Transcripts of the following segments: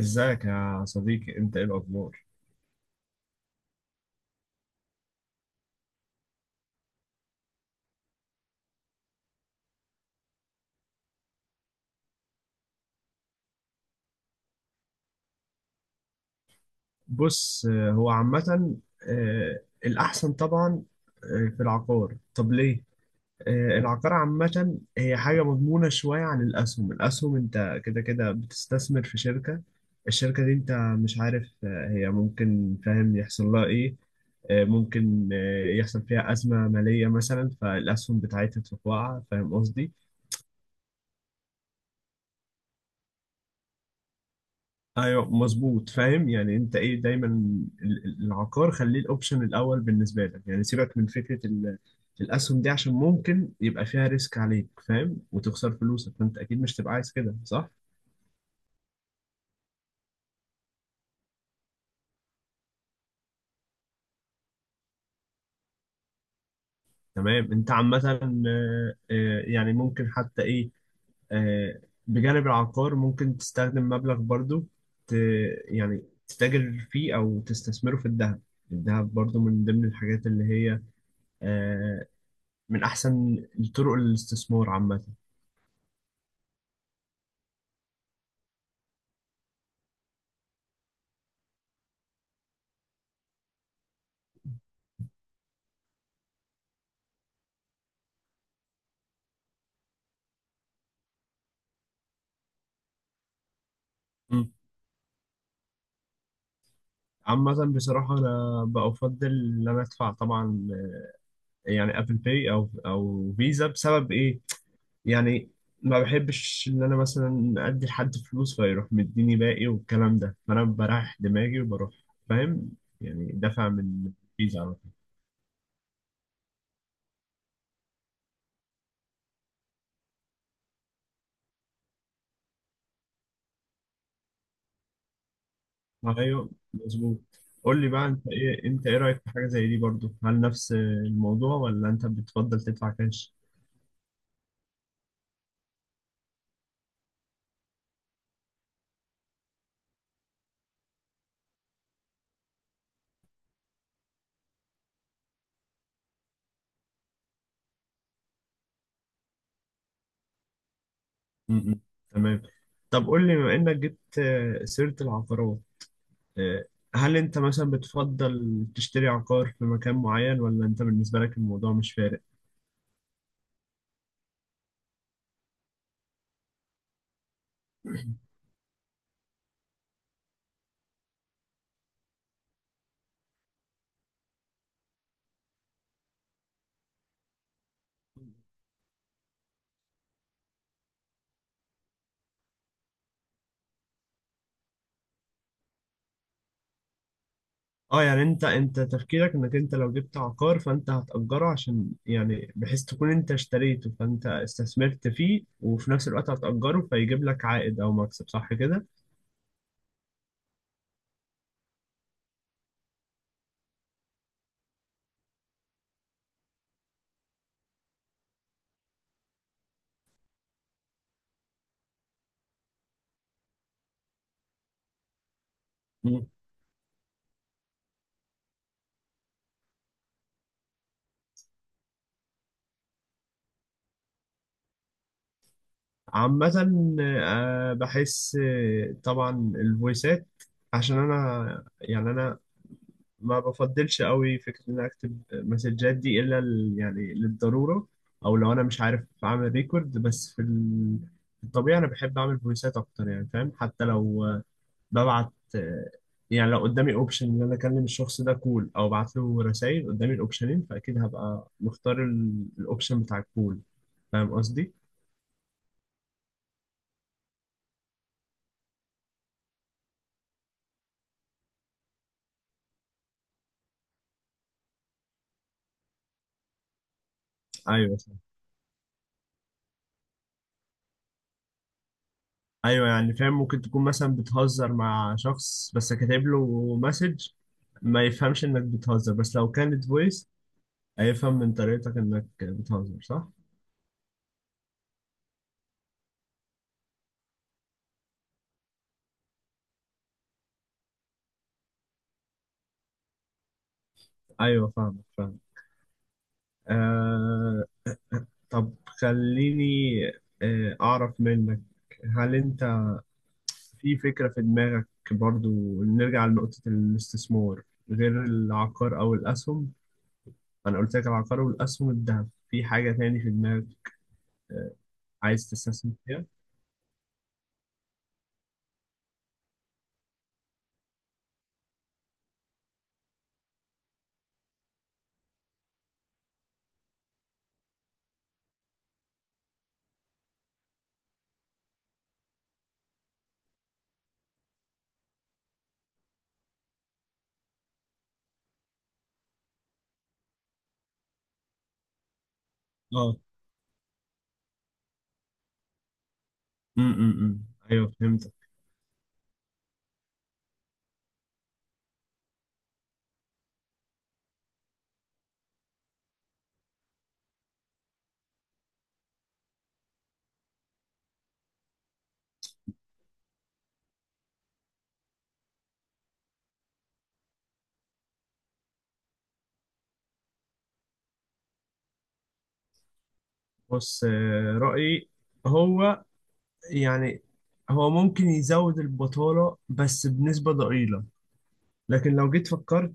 ازيك يا صديقي، انت ايه الاخبار؟ بص، هو عامة. الأحسن طبعا. في العقار. طب ليه؟ العقار عامة هي حاجة مضمونة شوية عن الأسهم. أنت كده كده بتستثمر في شركة. دي أنت مش عارف هي، ممكن فاهم، يحصل لها إيه. ممكن يحصل فيها أزمة مالية مثلا، فالأسهم بتاعتها تقع، فاهم قصدي؟ ايوه، مظبوط. فاهم يعني انت ايه. دايما العقار، خليه الاوبشن الاول بالنسبه لك. يعني سيبك من فكره الاسهم دي، عشان ممكن يبقى فيها ريسك عليك، فاهم، وتخسر فلوسك. فانت اكيد مش تبقى عايز كده، صح؟ تمام. انت عامه يعني ممكن حتى ايه. آه، بجانب العقار، ممكن تستخدم مبلغ برضو، ت يعني تتاجر فيه او تستثمره في الذهب. الذهب برضو من ضمن الحاجات اللي هي آه، من احسن طرق الاستثمار عامه. مم. عامة بصراحة أنا بقى أفضل إن أنا أدفع طبعا، يعني أبل باي أو أو فيزا. بسبب إيه؟ يعني ما بحبش إن أنا مثلا أدي لحد فلوس، فيروح مديني باقي والكلام ده. فأنا بريح دماغي وبروح، فاهم؟ يعني دافع من فيزا على طول. أيوه، مظبوط. قول لي بقى، أنت إيه رأيك في حاجة زي دي برضو؟ هل نفس الموضوع، ولا أنت بتفضل تدفع كاش؟ مم. تمام. طب قول لي، بما إنك جبت سيرة العقارات، آه، هل انت مثلا بتفضل تشتري عقار في مكان معين، ولا انت بالنسبة لك الموضوع مش فارق؟ اه، يعني انت، تفكيرك انك انت لو جبت عقار فانت هتأجره، عشان يعني بحيث تكون انت اشتريته، فانت استثمرت فيه وفي نفس الوقت هتأجره فيجيب لك عائد او مكسب، صح كده؟ مم. عامة بحس طبعا الفويسات، عشان انا، يعني انا ما بفضلش قوي فكرة إن أنا أكتب مسجات دي إلا يعني للضرورة، أو لو أنا مش عارف أعمل ريكورد، بس في في الطبيعي أنا بحب أعمل فويسات أكتر، يعني فاهم. حتى لو ببعت، يعني لو قدامي أوبشن إن أنا أكلم الشخص ده كول أو أبعت له رسايل، قدامي الأوبشنين فأكيد هبقى مختار الأوبشن بتاع الكول، فاهم قصدي؟ أيوه، صح. أيوه يعني فاهم. ممكن تكون مثلا بتهزر مع شخص بس كاتب له مسج، ما يفهمش انك بتهزر، بس لو كانت فويس هيفهم من طريقتك انك بتهزر، صح؟ ايوه، فاهمك فاهم. آه طب خليني اعرف منك، هل انت، في فكرة في دماغك برضو نرجع لنقطة الاستثمار غير العقار او الاسهم؟ انا قلت لك العقار والاسهم، الذهب. في حاجة تاني في دماغك آه عايز تستثمر فيها؟ اه. امم ايوه، فهمتك. بص، رأيي هو، يعني، هو ممكن يزود البطالة بس بنسبة ضئيلة. لكن لو جيت فكرت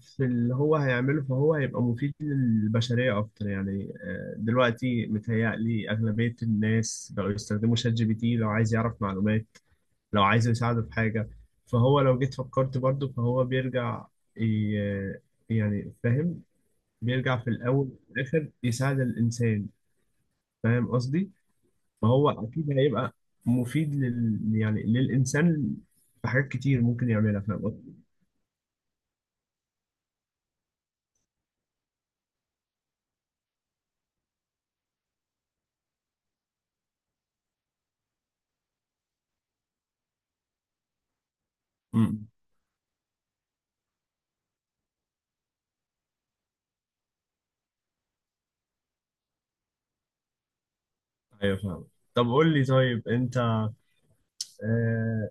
في اللي هو هيعمله، فهو هيبقى مفيد للبشرية أكتر. يعني دلوقتي متهيألي أغلبية الناس بقوا يستخدموا شات جي بي تي لو عايز يعرف معلومات، لو عايز يساعده في حاجة. فهو لو جيت فكرت برضه، فهو بيرجع، ي- يعني فاهم، بيرجع في الأول وفي الآخر يساعد الإنسان. فاهم قصدي؟ فهو أكيد هيبقى مفيد يعني للإنسان في حاجات كتير ممكن يعملها، فاهم قصدي؟ ايوه، فاهم. طب قول لي، طيب انت آه،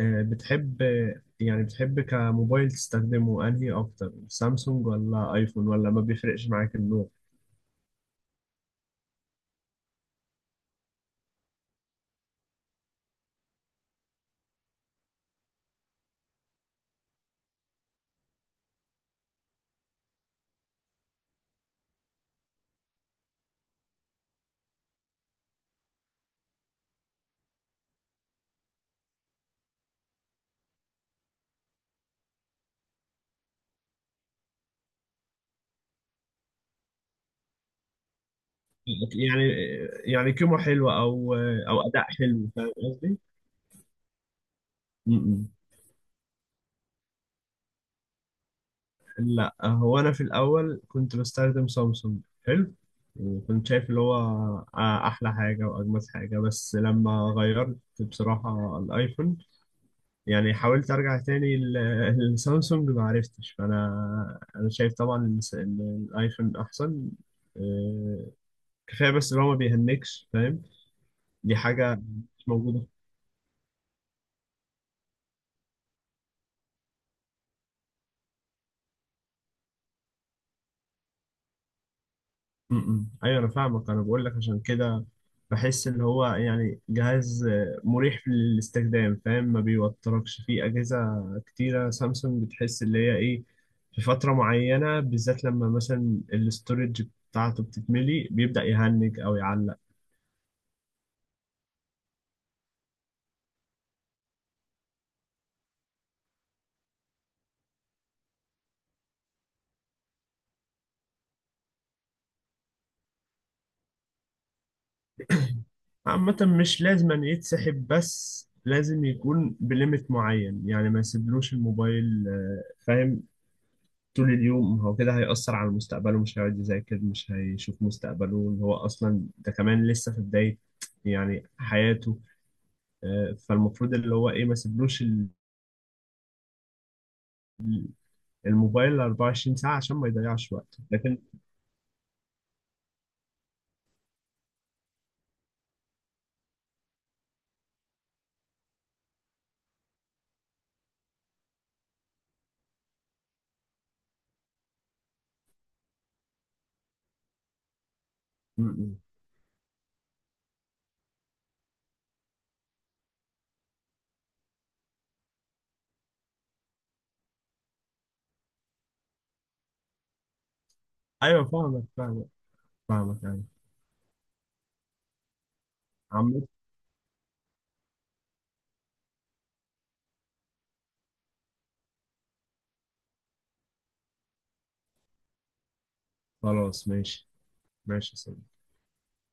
بتحب، يعني بتحب كموبايل تستخدمه انهي اكتر، سامسونج ولا ايفون، ولا ما بيفرقش معاك النوع؟ يعني، كاميرا حلوة، او اداء حلو، فاهم قصدي. م-م. لا، هو انا في الاول كنت بستخدم سامسونج، حلو، وكنت شايف اللي هو احلى حاجة واجمل حاجة. بس لما غيرت بصراحة الايفون، يعني حاولت ارجع تاني لسامسونج، ما عرفتش. فانا شايف طبعا إن إن الايفون احسن. آه، كفايه بس ان هو ما بيهنكش، فاهم. دي حاجه مش موجوده. م- م. ايوه، انا فاهمك. انا بقول لك عشان كده، بحس ان هو يعني جهاز مريح في الاستخدام، فاهم، ما بيوتركش. في اجهزه كتيره سامسونج بتحس اللي هي ايه، في فتره معينه بالذات لما مثلا الاستورج بتاعته بتتملي، بيبدا يهنج او يعلق. عامة، مش لازم أن يتسحب، بس لازم يكون بليمت معين. يعني ما يسيبلوش الموبايل فاهم، طول اليوم، هو كده هيأثر على مستقبله، مش هيقعد يذاكر، مش هيشوف مستقبله، اللي هو أصلا ده كمان لسه في بداية يعني حياته. فالمفروض اللي هو إيه، ما يسيبلوش الموبايل 24 ساعة، عشان ما يضيعش وقته، لكن... م- م. أيوه فاهمك فاهمك فاهمك. أيوه عامة، خلاص ماشي. ماشي يا سيدي.